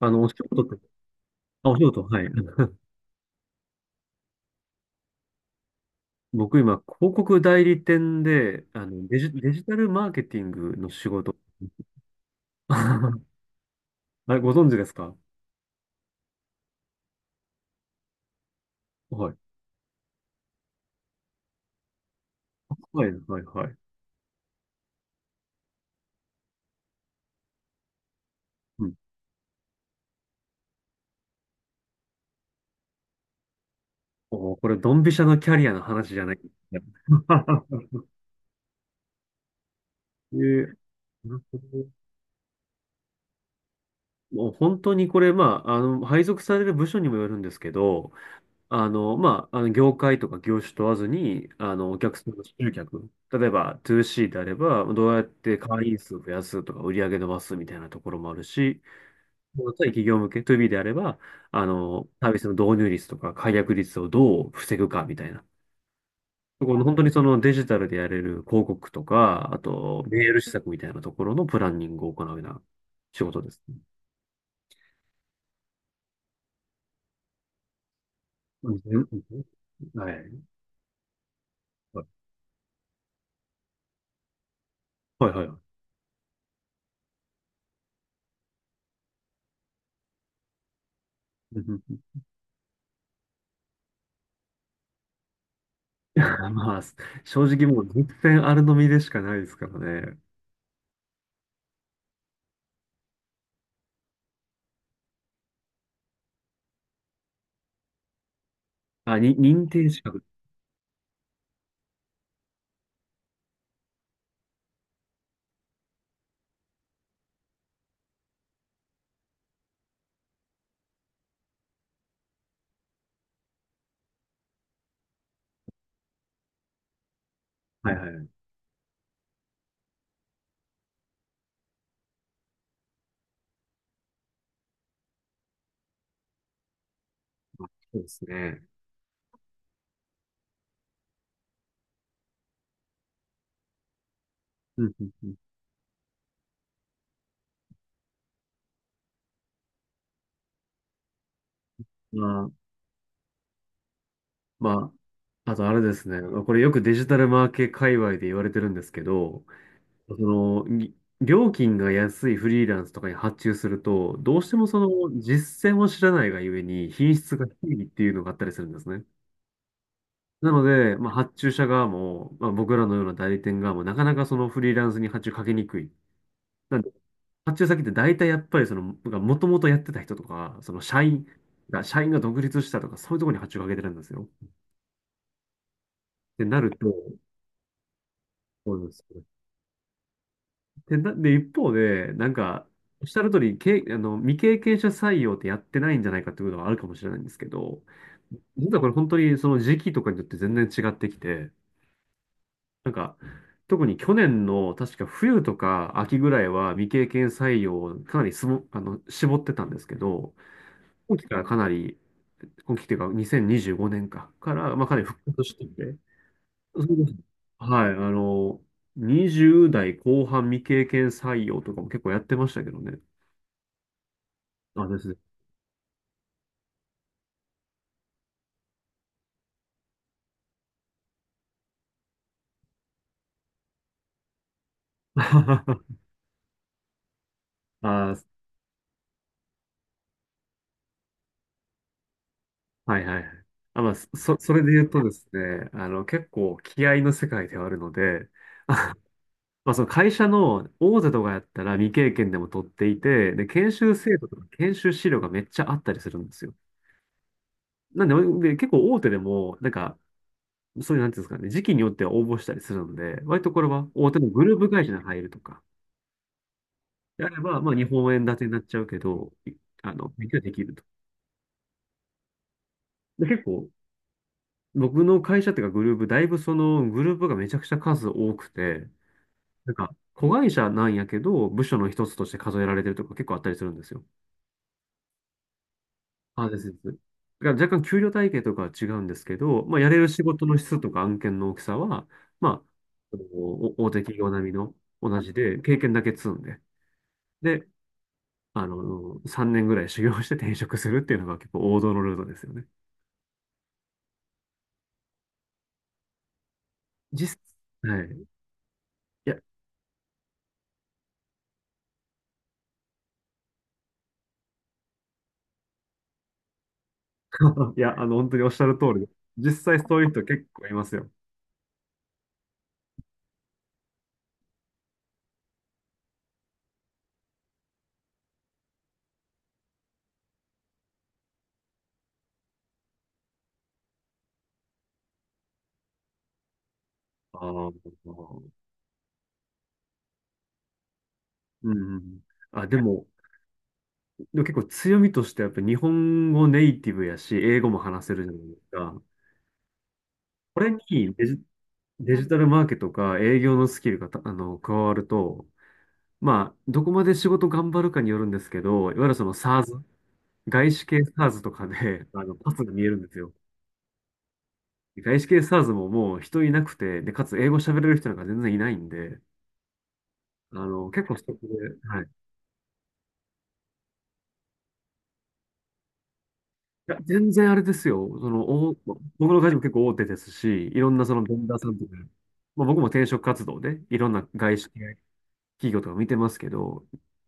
お仕事と、あ、お仕事、はい。僕今、広告代理店で、デジタルマーケティングの仕事。あれ、ご存知ですか？はい。はい、はい、はい。うん。おー、これ、ドンピシャのキャリアの話じゃない。えー、もう本当にこれ、配属される部署にもよるんですけど、業界とか業種問わずに、お客さんの集客、例えば 2C であれば、どうやって会員数を増やすとか、売り上げ伸ばすみたいなところもあるし、もう対企業向け 2B であれば、サービスの導入率とか、解約率をどう防ぐかみたいな。この本当にそのデジタルでやれる広告とか、あとメール施策みたいなところのプランニングを行うような仕事ですね。うんうん。はいはい。はいはいはい。うんうん。 まあ、正直もう実践あるのみでしかないですからね。認定資格。はいはい。そうですね。うんうんうん。まあ、まあとあれですね。これよくデジタルマーケ界隈で言われてるんですけど、その、ぎ料金が安いフリーランスとかに発注すると、どうしてもその実践を知らないがゆえに品質が低いっていうのがあったりするんですね。なので、発注者側も、僕らのような代理店側も、なかなかそのフリーランスに発注かけにくい。発注先って大体やっぱりその、もともとやってた人とか、社員が独立したとか、そういうところに発注をかけてるんですよ。ってなると、そうなんですよね。で、一方で、なんか、おっしゃる通り、け、あの、未経験者採用ってやってないんじゃないかっていうのはあるかもしれないんですけど、実はこれ本当にその時期とかによって全然違ってきて、なんか、特に去年の確か冬とか秋ぐらいは未経験採用をかなりすぼ、あの、絞ってたんですけど、今期からかなり今期っていうか、2025年か、から、まあ、かなり復活してて、そうですね。はい、20代後半未経験採用とかも結構やってましたけどね。あ、ですね。あ、はいはいはい。それで言うとですね、結構気合の世界ではあるので、まあ、その会社の大手とかやったら未経験でも取っていて、で、研修制度とか研修資料がめっちゃあったりするんですよ。なんで、で結構大手でも、なんかそういう、なんていうんですかね、時期によっては応募したりするので、割とこれは大手のグループ会社に入るとか、であれば、まあ、日本円建てになっちゃうけど、あの、勉強できると。で、結構、僕の会社っていうかグループ、だいぶそのグループがめちゃくちゃ数多くて、なんか、子会社なんやけど、部署の一つとして数えられてるとか結構あったりするんですよ。あ、ですです。だから若干給料体系とかは違うんですけど、まあ、やれる仕事の質とか案件の大きさは、まあ、お大手企業並みの同じで、経験だけ積んで、で、3年ぐらい修行して転職するっていうのが結構王道のルートですよね。実、はい。いや、本当におっしゃる通りで、実際そういう人結構いますよ。あー、うん。あ、でも、でも結構強みとしてやっぱ日本語ネイティブやし、英語も話せるじゃないですか。これにデジ、デジタルマーケとか営業のスキルがたあの、加わると、まあ、どこまで仕事頑張るかによるんですけど、いわゆるその SaaS、外資系 SaaS とかで、パスが見えるんですよ。外資系 s a ズ s ももう人いなくて、で、かつ英語喋れる人なんか全然いないんで、結構ストックで、はい。いや、全然あれですよ。僕の会社も結構大手ですし、いろんなそのベンダーさんとか、まあ、僕も転職活動でいろんな外資系企業とか見てますけど、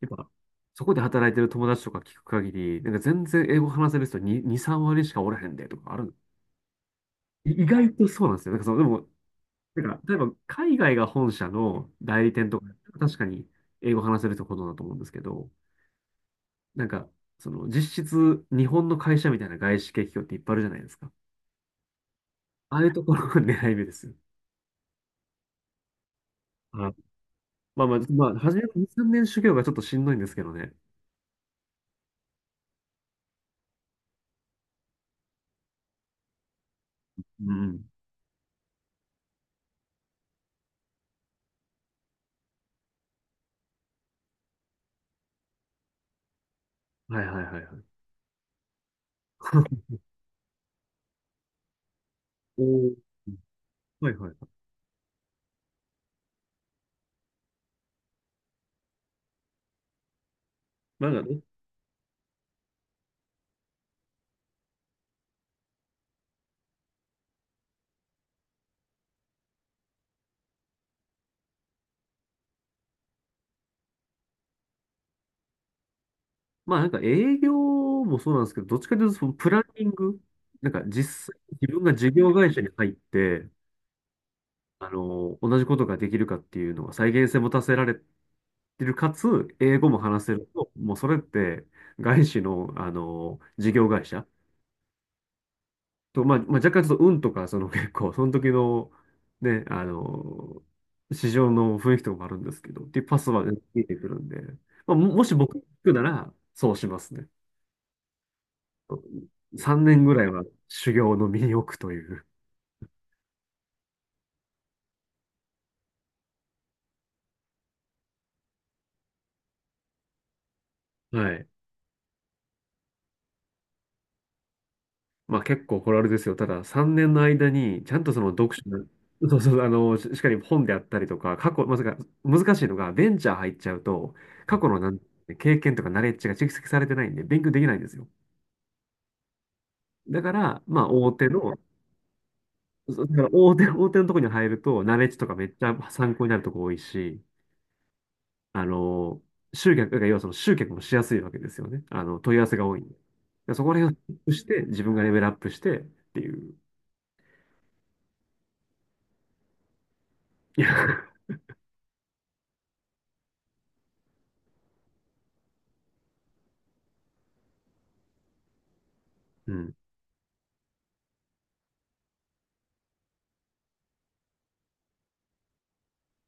やっぱ、そこで働いてる友達とか聞く限り、なんか全然英語話せる人に2、3割しかおらへんでとかある。意外とそうなんですよ。なんかその、でも、なんか、例えば海外が本社の代理店とか、確かに英語話せるところだと思うんですけど、なんか、その実質日本の会社みたいな外資系企業っていっぱいあるじゃないですか。ああいうところが狙い目ですよ。はい。初めの2、3年修行がちょっとしんどいんですけどね。うん。はいはいはいはい。おー、はいはい。なんかね、まあなんか営業もそうなんですけど、どっちかというとそのプランニング、なんか実際自分が事業会社に入って、同じことができるかっていうのは再現性持たせられてる、かつ、英語も話せると、もうそれって、外資の、事業会社と、若干ちょっと運とか、その結構、その時の、ね、あの、市場の雰囲気とかもあるんですけど、っていうパスはね聞いてくるんで、もし僕聞くなら、そうしますね。3年ぐらいは修行の身に置くという。はい。まあ結構これあれですよ。ただ3年の間に、ちゃんとその読書の、そうそう、しっかり本であったりとか、過去、まさか、難しいのが、ベンチャー入っちゃうと、過去のなん経験とかナレッジが蓄積されてないんで、勉強できないんですよ。だから、まあ大手の、そうだから大手のとこに入ると、ナレッジとかめっちゃ参考になるとこ多いし、あの、だから要はその集客もしやすいわけですよね。あの、問い合わせが多いんで。だからそこら辺をチェックして、自分がレベルアップしてっていう。いや、 うん。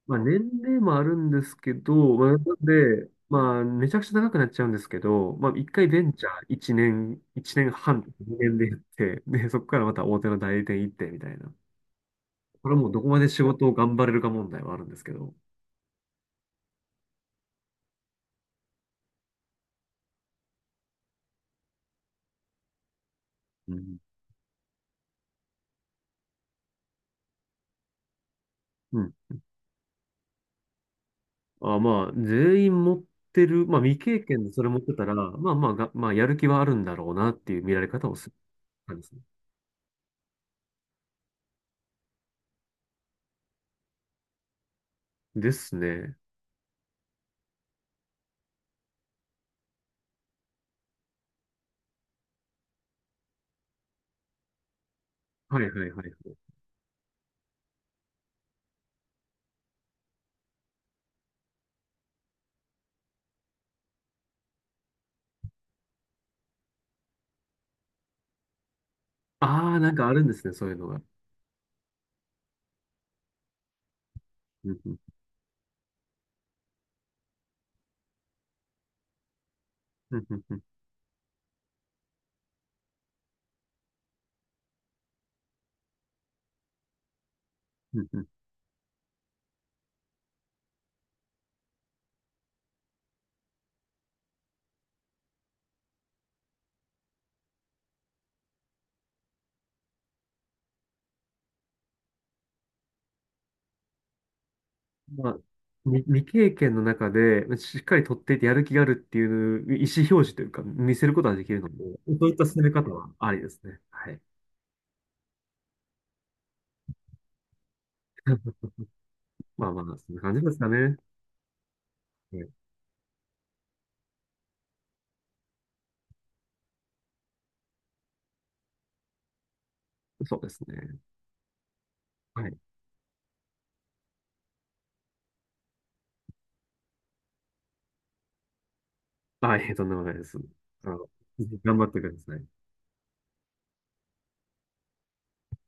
まあ、年齢もあるんですけど、まあ、なんで、まあ、めちゃくちゃ長くなっちゃうんですけど、まあ、一回ベンチャー1年、一年半、2年でやって、で、そこからまた大手の代理店行ってみたいな。これはもうどこまで仕事を頑張れるか問題はあるんですけど。うん。うん。あ、まあ、全員持ってる、まあ、未経験でそれ持ってたら、まあまあが、まあ、やる気はあるんだろうなっていう見られ方をする感じですね。ですね。はいはいはいはい。ああ、なんかあるんですね、そういうのが。うんうんうんうん。うんうん。まあ、未経験の中で、しっかり取っていてやる気があるっていう意思表示というか、見せることができるので、そういった進め方はありですね。はい。まあまあ、そんな感じですかね。はい。そうですね。はい。はい、とんでもないです。あの、頑張ってください。